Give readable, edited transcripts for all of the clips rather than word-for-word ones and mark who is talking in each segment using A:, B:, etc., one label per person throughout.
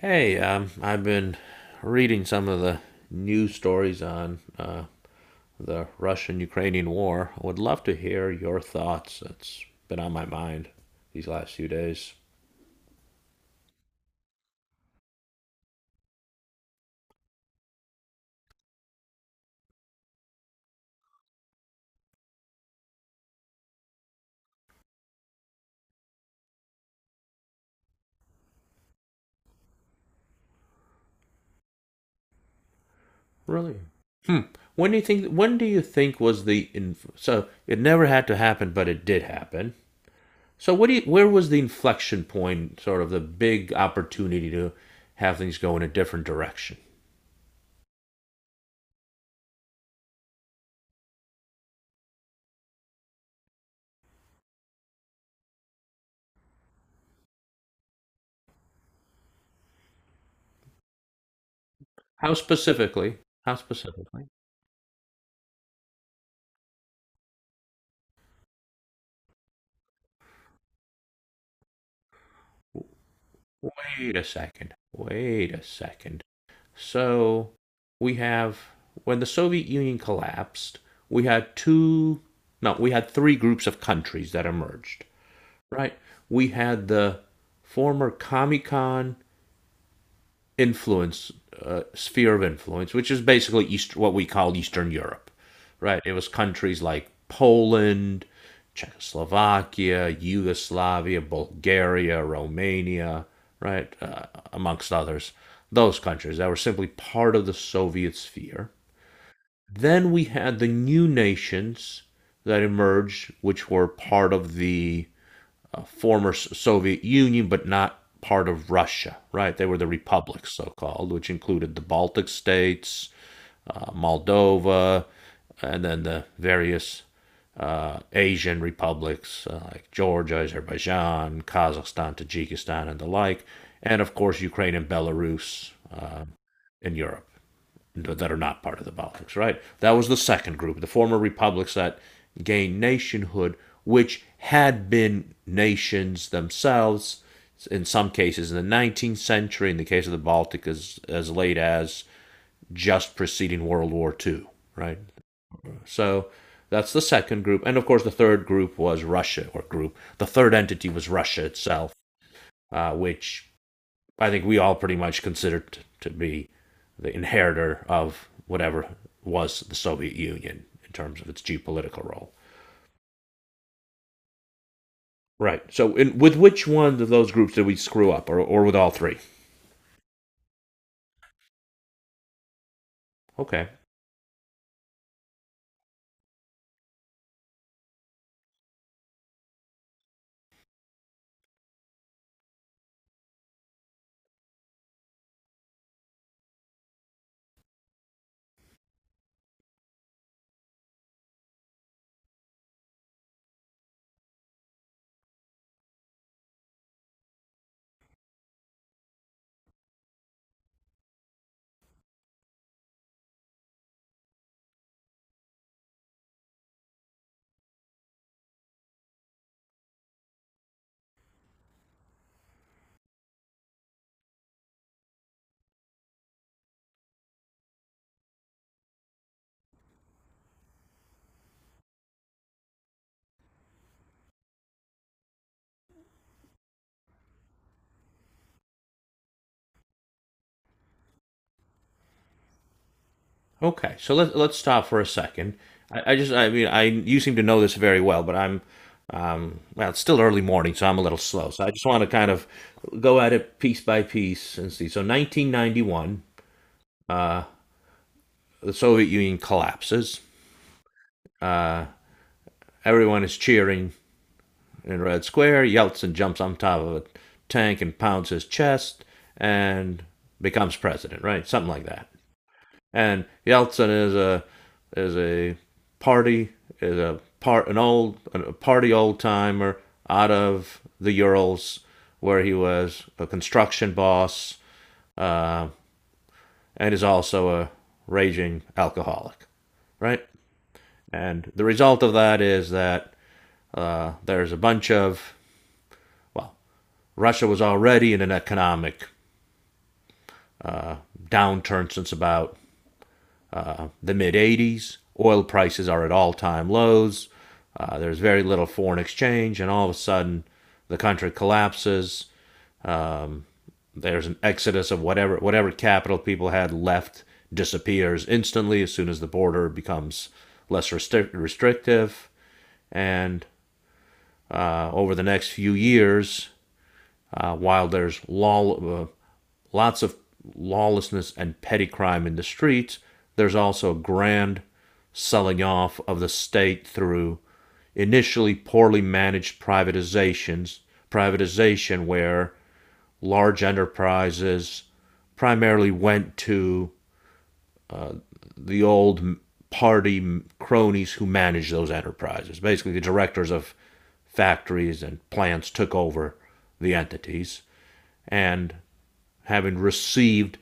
A: Hey, I've been reading some of the news stories on the Russian-Ukrainian war. I would love to hear your thoughts. It's been on my mind these last few days. Really? Hmm. When do you think? When do you think was the it never had to happen, but it did happen. So what do you? Where was the inflection point? Sort of the big opportunity to have things go in a different direction. How specifically? How specifically? Wait a second. Wait a second. So we have when the Soviet Union collapsed, we had two no, we had three groups of countries that emerged, right? We had the former Comecon influence sphere of influence, which is basically East, what we call Eastern Europe, right? It was countries like Poland, Czechoslovakia, Yugoslavia, Bulgaria, Romania, right, amongst others. Those countries that were simply part of the Soviet sphere. Then we had the new nations that emerged, which were part of the former Soviet Union, but not part of Russia, right? They were the republics, so called, which included the Baltic states, Moldova, and then the various Asian republics like Georgia, Azerbaijan, Kazakhstan, Tajikistan, and the like, and of course Ukraine and Belarus in Europe that are not part of the Baltics, right? That was the second group, the former republics that gained nationhood, which had been nations themselves in some cases in the 19th century, in the case of the Baltic, as late as just preceding World War II, right? So that's the second group. And of course, the third group was Russia, or group. The third entity was Russia itself, which I think we all pretty much considered to be the inheritor of whatever was the Soviet Union in terms of its geopolitical role. Right. So, with which one of those groups did we screw up, or with all three? Okay. Okay. So let's stop for a second. I just, I mean, I you seem to know this very well, but well, it's still early morning, so I'm a little slow. So I just want to kind of go at it piece by piece and see. So 1991, the Soviet Union collapses. Everyone is cheering in Red Square, Yeltsin jumps on top of a tank and pounds his chest and becomes president, right? Something like that. And Yeltsin is a party is a part an old a party old timer out of the Urals where he was a construction boss, um, and is also a raging alcoholic, right? And the result of that is that there's a bunch of Russia was already in an economic downturn since about the mid '80s. Oil prices are at all time lows. There's very little foreign exchange, and all of a sudden, the country collapses. There's an exodus of whatever capital people had left disappears instantly as soon as the border becomes restrictive. And over the next few years, uh, while there's law, uh, lots of lawlessness and petty crime in the streets, there's also a grand selling off of the state through initially poorly managed privatization where large enterprises primarily went to the old party cronies who managed those enterprises. Basically, the directors of factories and plants took over the entities, and having received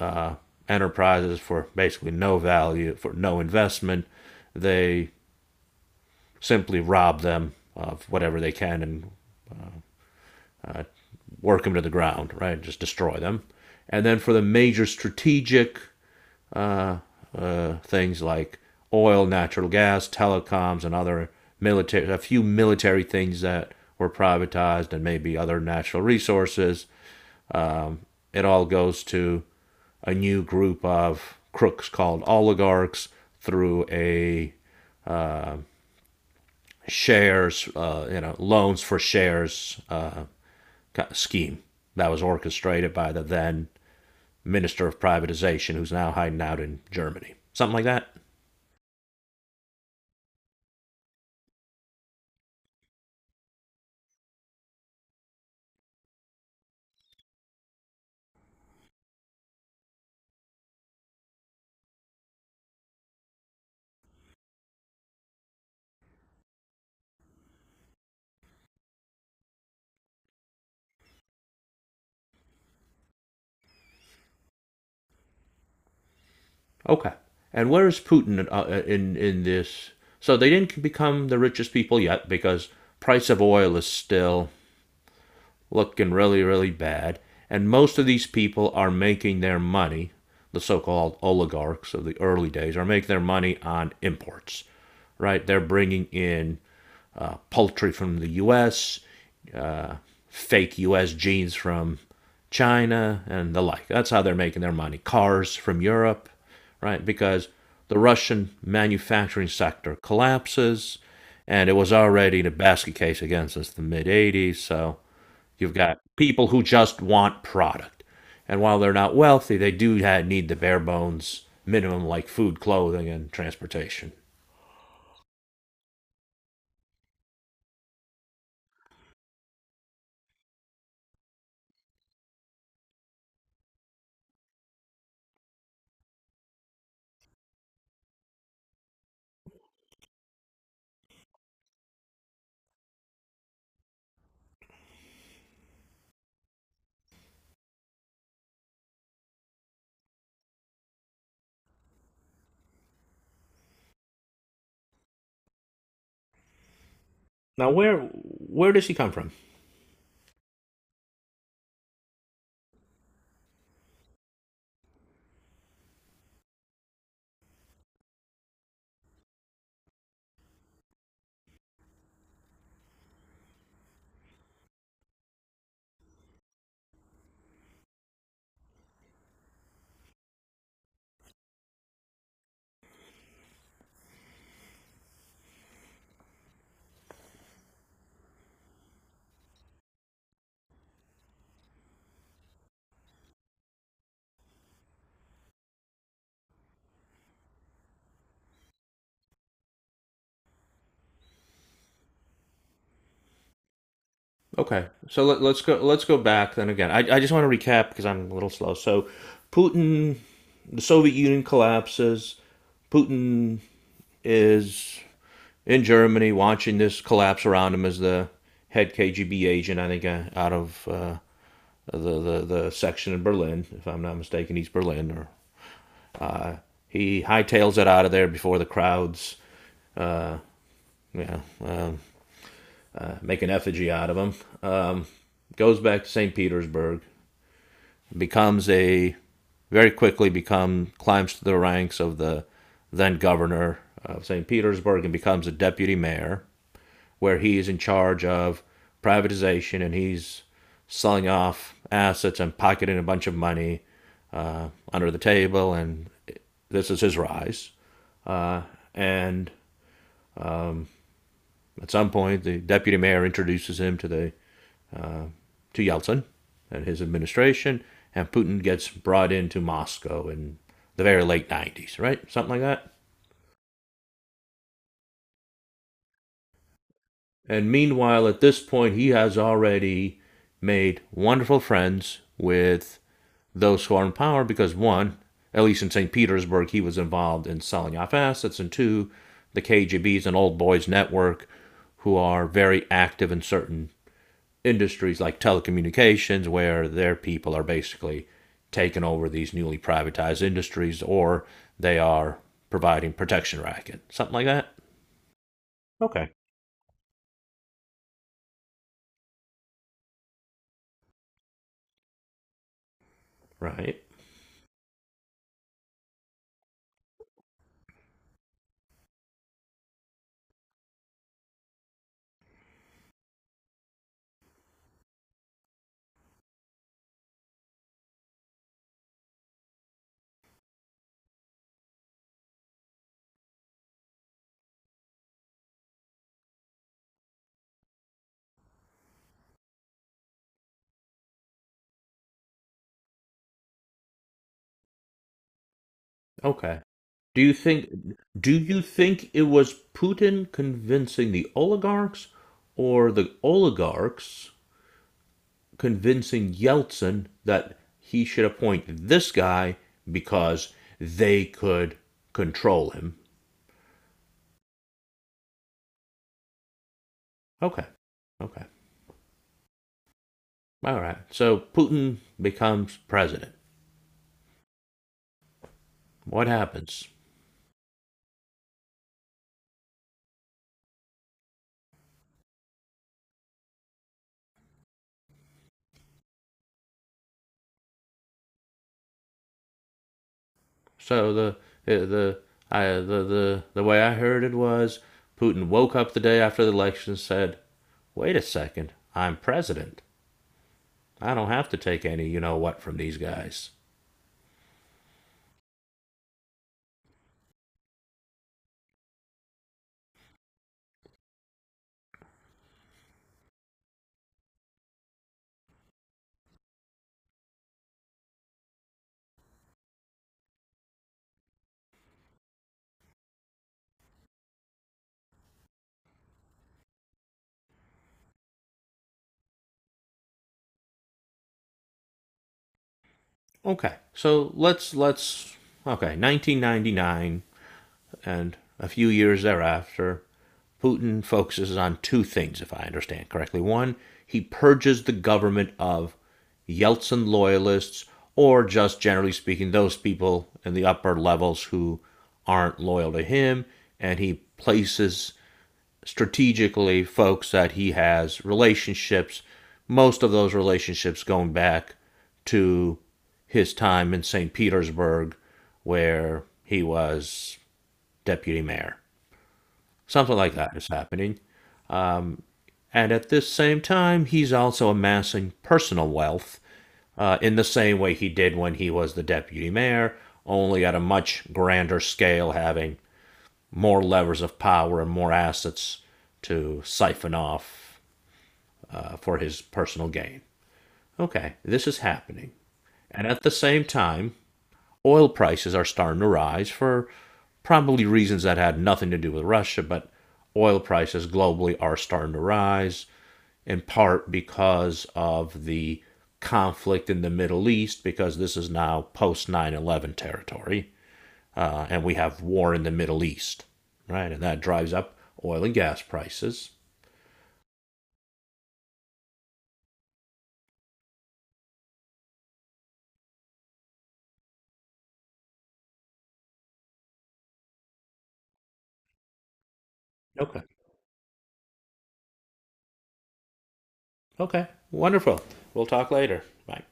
A: uh, enterprises for basically no value, for no investment, they simply rob them of whatever they can and work them to the ground, right? Just destroy them. And then for the major strategic things like oil, natural gas, telecoms, and other military, a few military things that were privatized, and maybe other natural resources. It all goes to a new group of crooks called oligarchs through a shares, loans for shares scheme that was orchestrated by the then Minister of Privatization, who's now hiding out in Germany. Something like that. Okay. And where is Putin in this? So they didn't become the richest people yet because price of oil is still looking really, really bad. And most of these people are making their money, the so called oligarchs of the early days, are making their money on imports, right? They're bringing in poultry from the US, uh, fake US jeans from China, and the like. That's how they're making their money. Cars from Europe, right? Because the Russian manufacturing sector collapses, and it was already in a basket case again since the mid '80s. So you've got people who just want product. And while they're not wealthy, they do need the bare bones minimum, like food, clothing, and transportation. Now, where does he come from? Okay, so let's go back then again. I just want to recap because I'm a little slow. So, Putin, the Soviet Union collapses. Putin is in Germany watching this collapse around him as the head KGB agent, I think, out of the section in Berlin, if I'm not mistaken, East Berlin. Or he hightails it out of there before the crowds, you know, um, make an effigy out of him. Um, Goes back to St. Petersburg, becomes a very quickly become climbs to the ranks of the then governor of St. Petersburg and becomes a deputy mayor, where he is in charge of privatization and he's selling off assets and pocketing a bunch of money under the table. And this is his rise. And at some point, the deputy mayor introduces him to the to Yeltsin and his administration, and Putin gets brought into Moscow in the very late '90s, right? Something like that. And meanwhile, at this point, he has already made wonderful friends with those who are in power because, one, at least in St. Petersburg, he was involved in selling off assets, and two, the KGB is an old boys network who are very active in certain industries like telecommunications, where their people are basically taking over these newly privatized industries or they are providing protection racket, something like that. Okay. Right. Okay. Do you think do you think it was Putin convincing the oligarchs or the oligarchs convincing Yeltsin that he should appoint this guy because they could control him? Okay. Okay. All right. So Putin becomes president. What happens? So uh, the the way I heard it was Putin woke up the day after the election and said, "Wait a second, I'm president. I don't have to take any you know what from these guys." Okay. So let's okay. 1999. And a few years thereafter, Putin focuses on two things, if I understand correctly. One, he purges the government of Yeltsin loyalists, or just generally speaking, those people in the upper levels who aren't loyal to him, and he places strategically folks that he has relationships, most of those relationships going back to his time in St. Petersburg, where he was deputy mayor. Something like that is happening. And at this same time, he's also amassing personal wealth in the same way he did when he was the deputy mayor, only at a much grander scale, having more levers of power and more assets to siphon off for his personal gain. Okay, this is happening. And at the same time, oil prices are starting to rise for probably reasons that had nothing to do with Russia, but oil prices globally are starting to rise in part because of the conflict in the Middle East, because this is now post 9/11 territory, and we have war in the Middle East, right? And that drives up oil and gas prices. Okay. Okay. Wonderful. We'll talk later. Bye.